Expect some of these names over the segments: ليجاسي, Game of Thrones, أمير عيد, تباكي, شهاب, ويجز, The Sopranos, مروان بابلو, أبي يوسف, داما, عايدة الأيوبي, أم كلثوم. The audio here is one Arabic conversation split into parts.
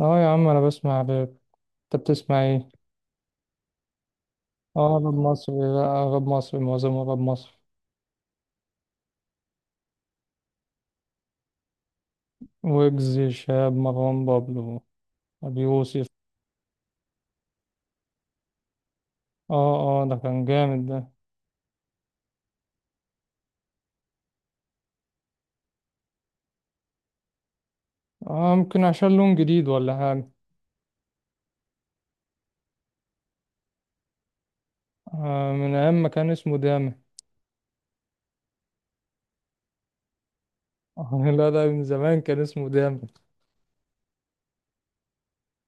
اه يا عم انا بسمع راب. انت بتسمع ايه؟ اه راب مصري. لا راب مصري، معظمه راب مصري. ويجز، شهاب، مروان بابلو، ابي يوسف. اه اه ده كان جامد ده. اه ممكن عشان لون جديد ولا حاجة. آه، من ايام ما كان اسمه داما. آه لا ده من زمان كان اسمه داما.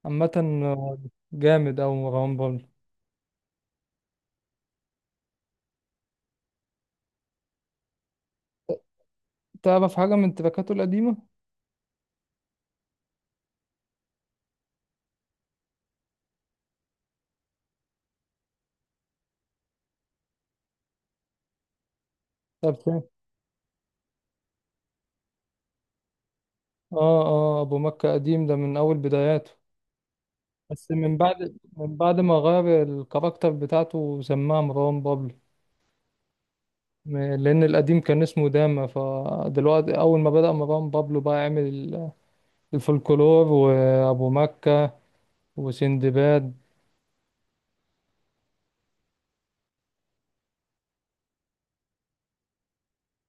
عامة، آه، جامد اوي مروان بابلو. تعرف حاجة من تراكاته القديمة؟ طب فين؟ اه اه ابو مكة قديم، ده من اول بداياته. بس من بعد ما غير الكاركتر بتاعته وسماها مروان بابلو. لأن القديم كان اسمه داما، فدلوقتي أول ما بدأ مروان بابلو بقى عمل الفولكلور وأبو مكة وسندباد.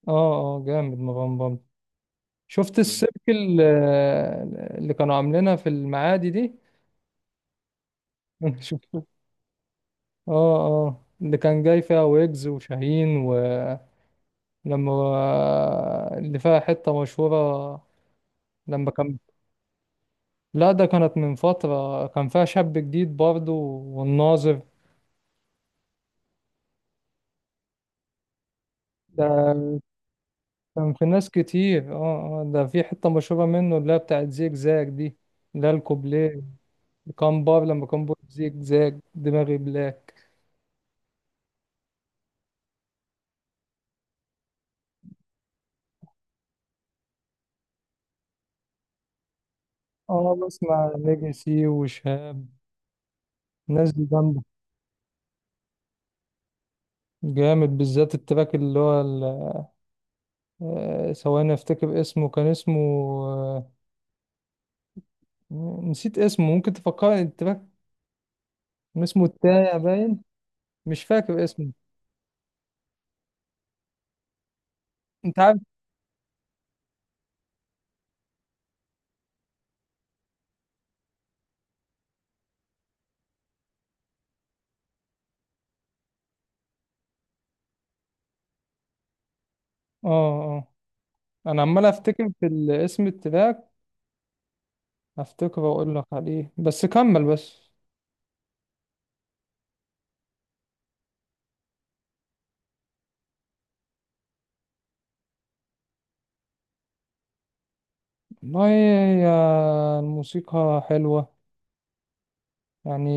اه اه جامد مروان بابلو. شفت السيرك اللي كانوا عاملينها في المعادي دي. شفت اه. اه اللي كان جاي فيها ويجز وشاهين. ولما اللي فيها حتة مشهورة. لما كان لا ده كانت من فترة كان فيها شاب جديد برضه والناظر. ده كان في ناس كتير اه. ده في حتة مشهورة منه اللي هي بتاعت زيج زاج دي، اللي هي الكوبليه. كان بار لما كان بيقول زيج زاج دماغي بلاك. اه بسمع ليجاسي وشهاب. الناس دي جامدة. جامد بالذات التراك اللي هو ثواني افتكر اسمه، كان اسمه آه، نسيت اسمه، ممكن تفكرني التراك. اسمه التاية باين. مش فاكر اسمه. انت عارف. اه آه. انا عمال افتكر في الاسم التراك. افتكر واقول لك عليه بس كمل بس. والله هي الموسيقى حلوة، يعني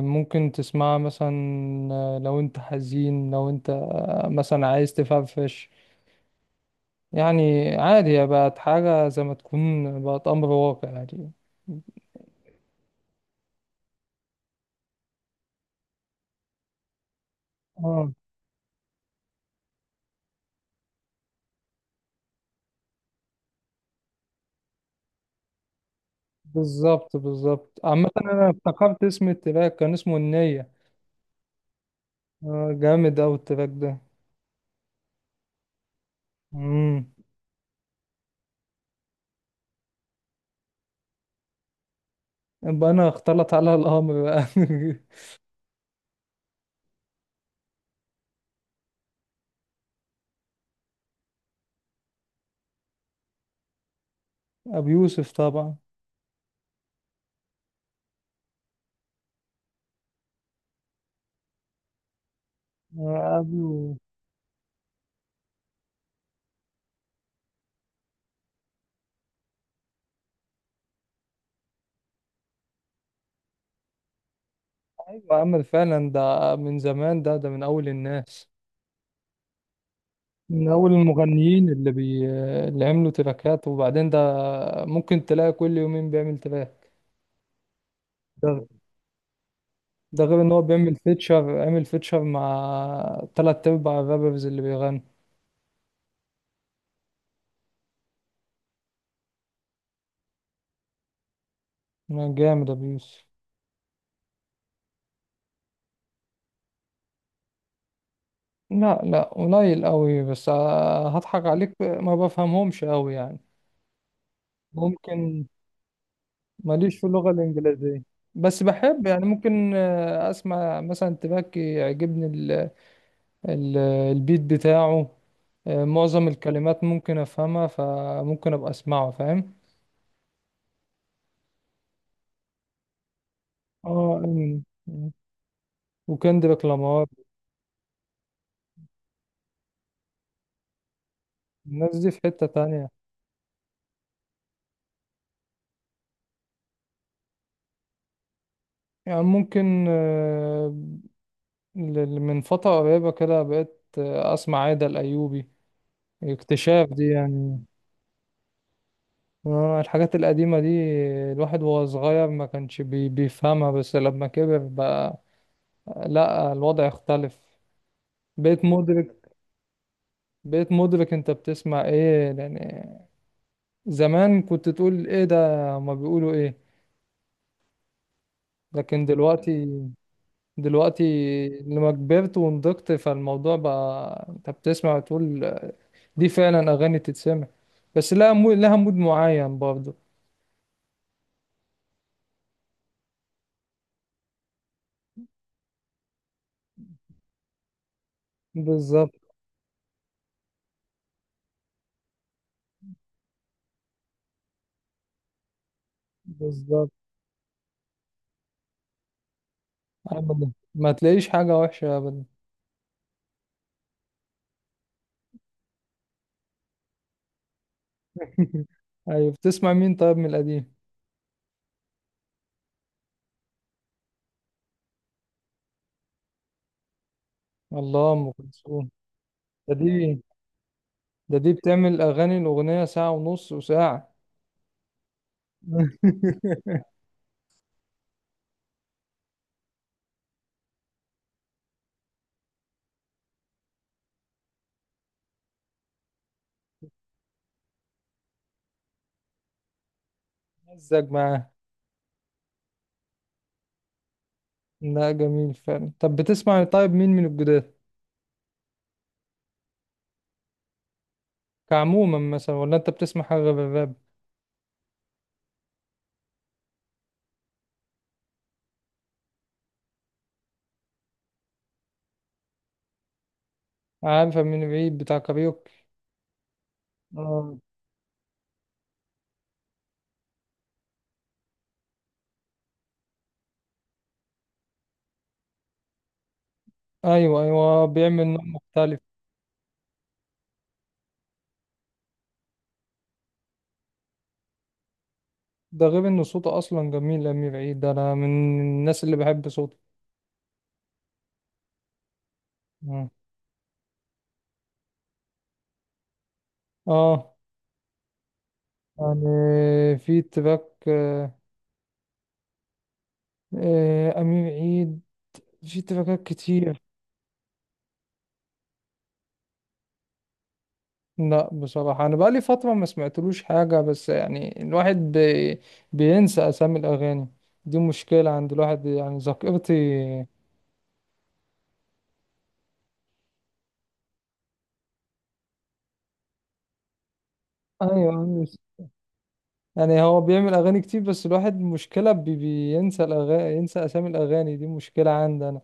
ممكن تسمعها مثلا. لو انت حزين، لو انت مثلا عايز تفرفش، يعني عادي. هي بقت حاجة زي ما تكون بقت امر واقع يعني. اه بالظبط بالظبط. عامة انا افتكرت اسم التراك، كان اسمه النية. آه، جامد اوي التراك ده. مم. يبقى انا اختلط على الامر بقى ابو يوسف طبعا. ابو ايوه امل فعلا. ده من زمان، ده من اول الناس، من اول المغنيين اللي عملوا تراكات. وبعدين ده ممكن تلاقي كل يومين بيعمل تراك. ده ده غير ان هو بيعمل فيتشر، عمل فيتشر مع تلات ارباع الرابرز اللي بيغنوا. جامد ابو يوسف. لا لا قليل قوي، بس هضحك عليك ما بفهمهمش قوي يعني. ممكن. ماليش في اللغة الإنجليزية، بس بحب. يعني ممكن أسمع مثلا تباكي، يعجبني ال ال البيت بتاعه. معظم الكلمات ممكن أفهمها، فممكن أبقى أسمعه فاهم. اه أمين وكندريك لامار. الناس دي في حتة تانية. يعني ممكن من فترة قريبة كده بقيت أسمع عايدة الأيوبي، اكتشاف دي يعني. الحاجات القديمة دي، الواحد وهو صغير ما كانش بيفهمها، بس لما كبر بقى لا الوضع اختلف. بقيت مدرك. بقيت مدرك انت بتسمع ايه، لان زمان كنت تقول ايه ده، ما بيقولوا ايه. لكن دلوقتي، دلوقتي لما كبرت ونضجت فالموضوع بقى انت بتسمع وتقول دي فعلا اغاني تتسمع. بس لها لها مود معين برضه. بالظبط بالظبط. ابدا ما تلاقيش حاجة وحشة ابدا. ايوه. بتسمع مين طيب من القديم؟ الله، ام كلثوم. ده دي ده دي بتعمل اغاني، الاغنيه ساعه ونص وساعه. مزج معاه. لا جميل فعلا. طب بتسمع طيب مين من الجداد؟ كعموما مثلا؟ ولا انت بتسمع حاجه غير الراب؟ عارفه من بعيد، بتاع كاريوكي. اه ايوه ايوه بيعمل نوع مختلف. ده غير ان صوته اصلا جميل. امير عيد ده انا من الناس اللي بحب صوته. مم. اه يعني في تراك امير عيد في تراكات كتير. لا بصراحة أنا بقالي فترة ما سمعتلوش حاجة، بس يعني الواحد بينسى أسامي الأغاني، دي مشكلة عند الواحد يعني، ذاكرتي. ايوه يعني هو بيعمل أغاني كتير، بس الواحد مشكلة بينسى الأغاني، ينسى أسامي الأغاني، دي مشكلة عندي أنا.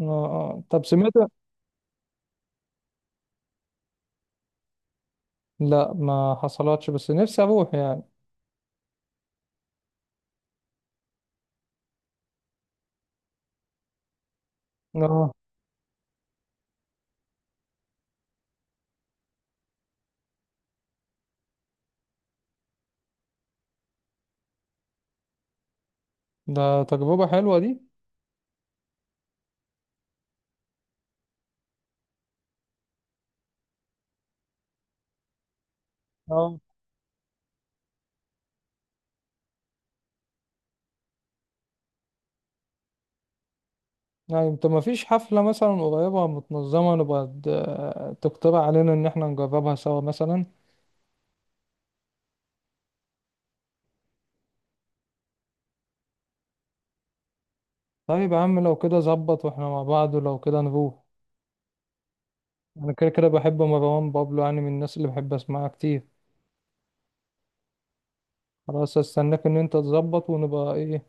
آه آه. طب سمعت؟ لا ما حصلتش، بس نفسي أروح يعني. اه ده تجربة حلوة دي. اه يعني انت ما فيش حفلة مثلا قريبة متنظمة، نبقى تقترح علينا ان احنا نجربها سوا مثلا؟ طيب يا عم لو كده ظبط واحنا مع بعض، ولو كده نروح. انا كده كده بحب مروان بابلو، يعني من الناس اللي بحب اسمعها كتير. خلاص استناك ان انت تظبط، ونبقى ايه،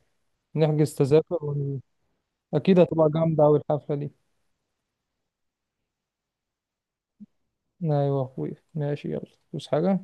نحجز تذاكر اكيد هتبقى جامدة اوي الحفلة دي. ايوه يا اخويا ماشي، يلا بس حاجة.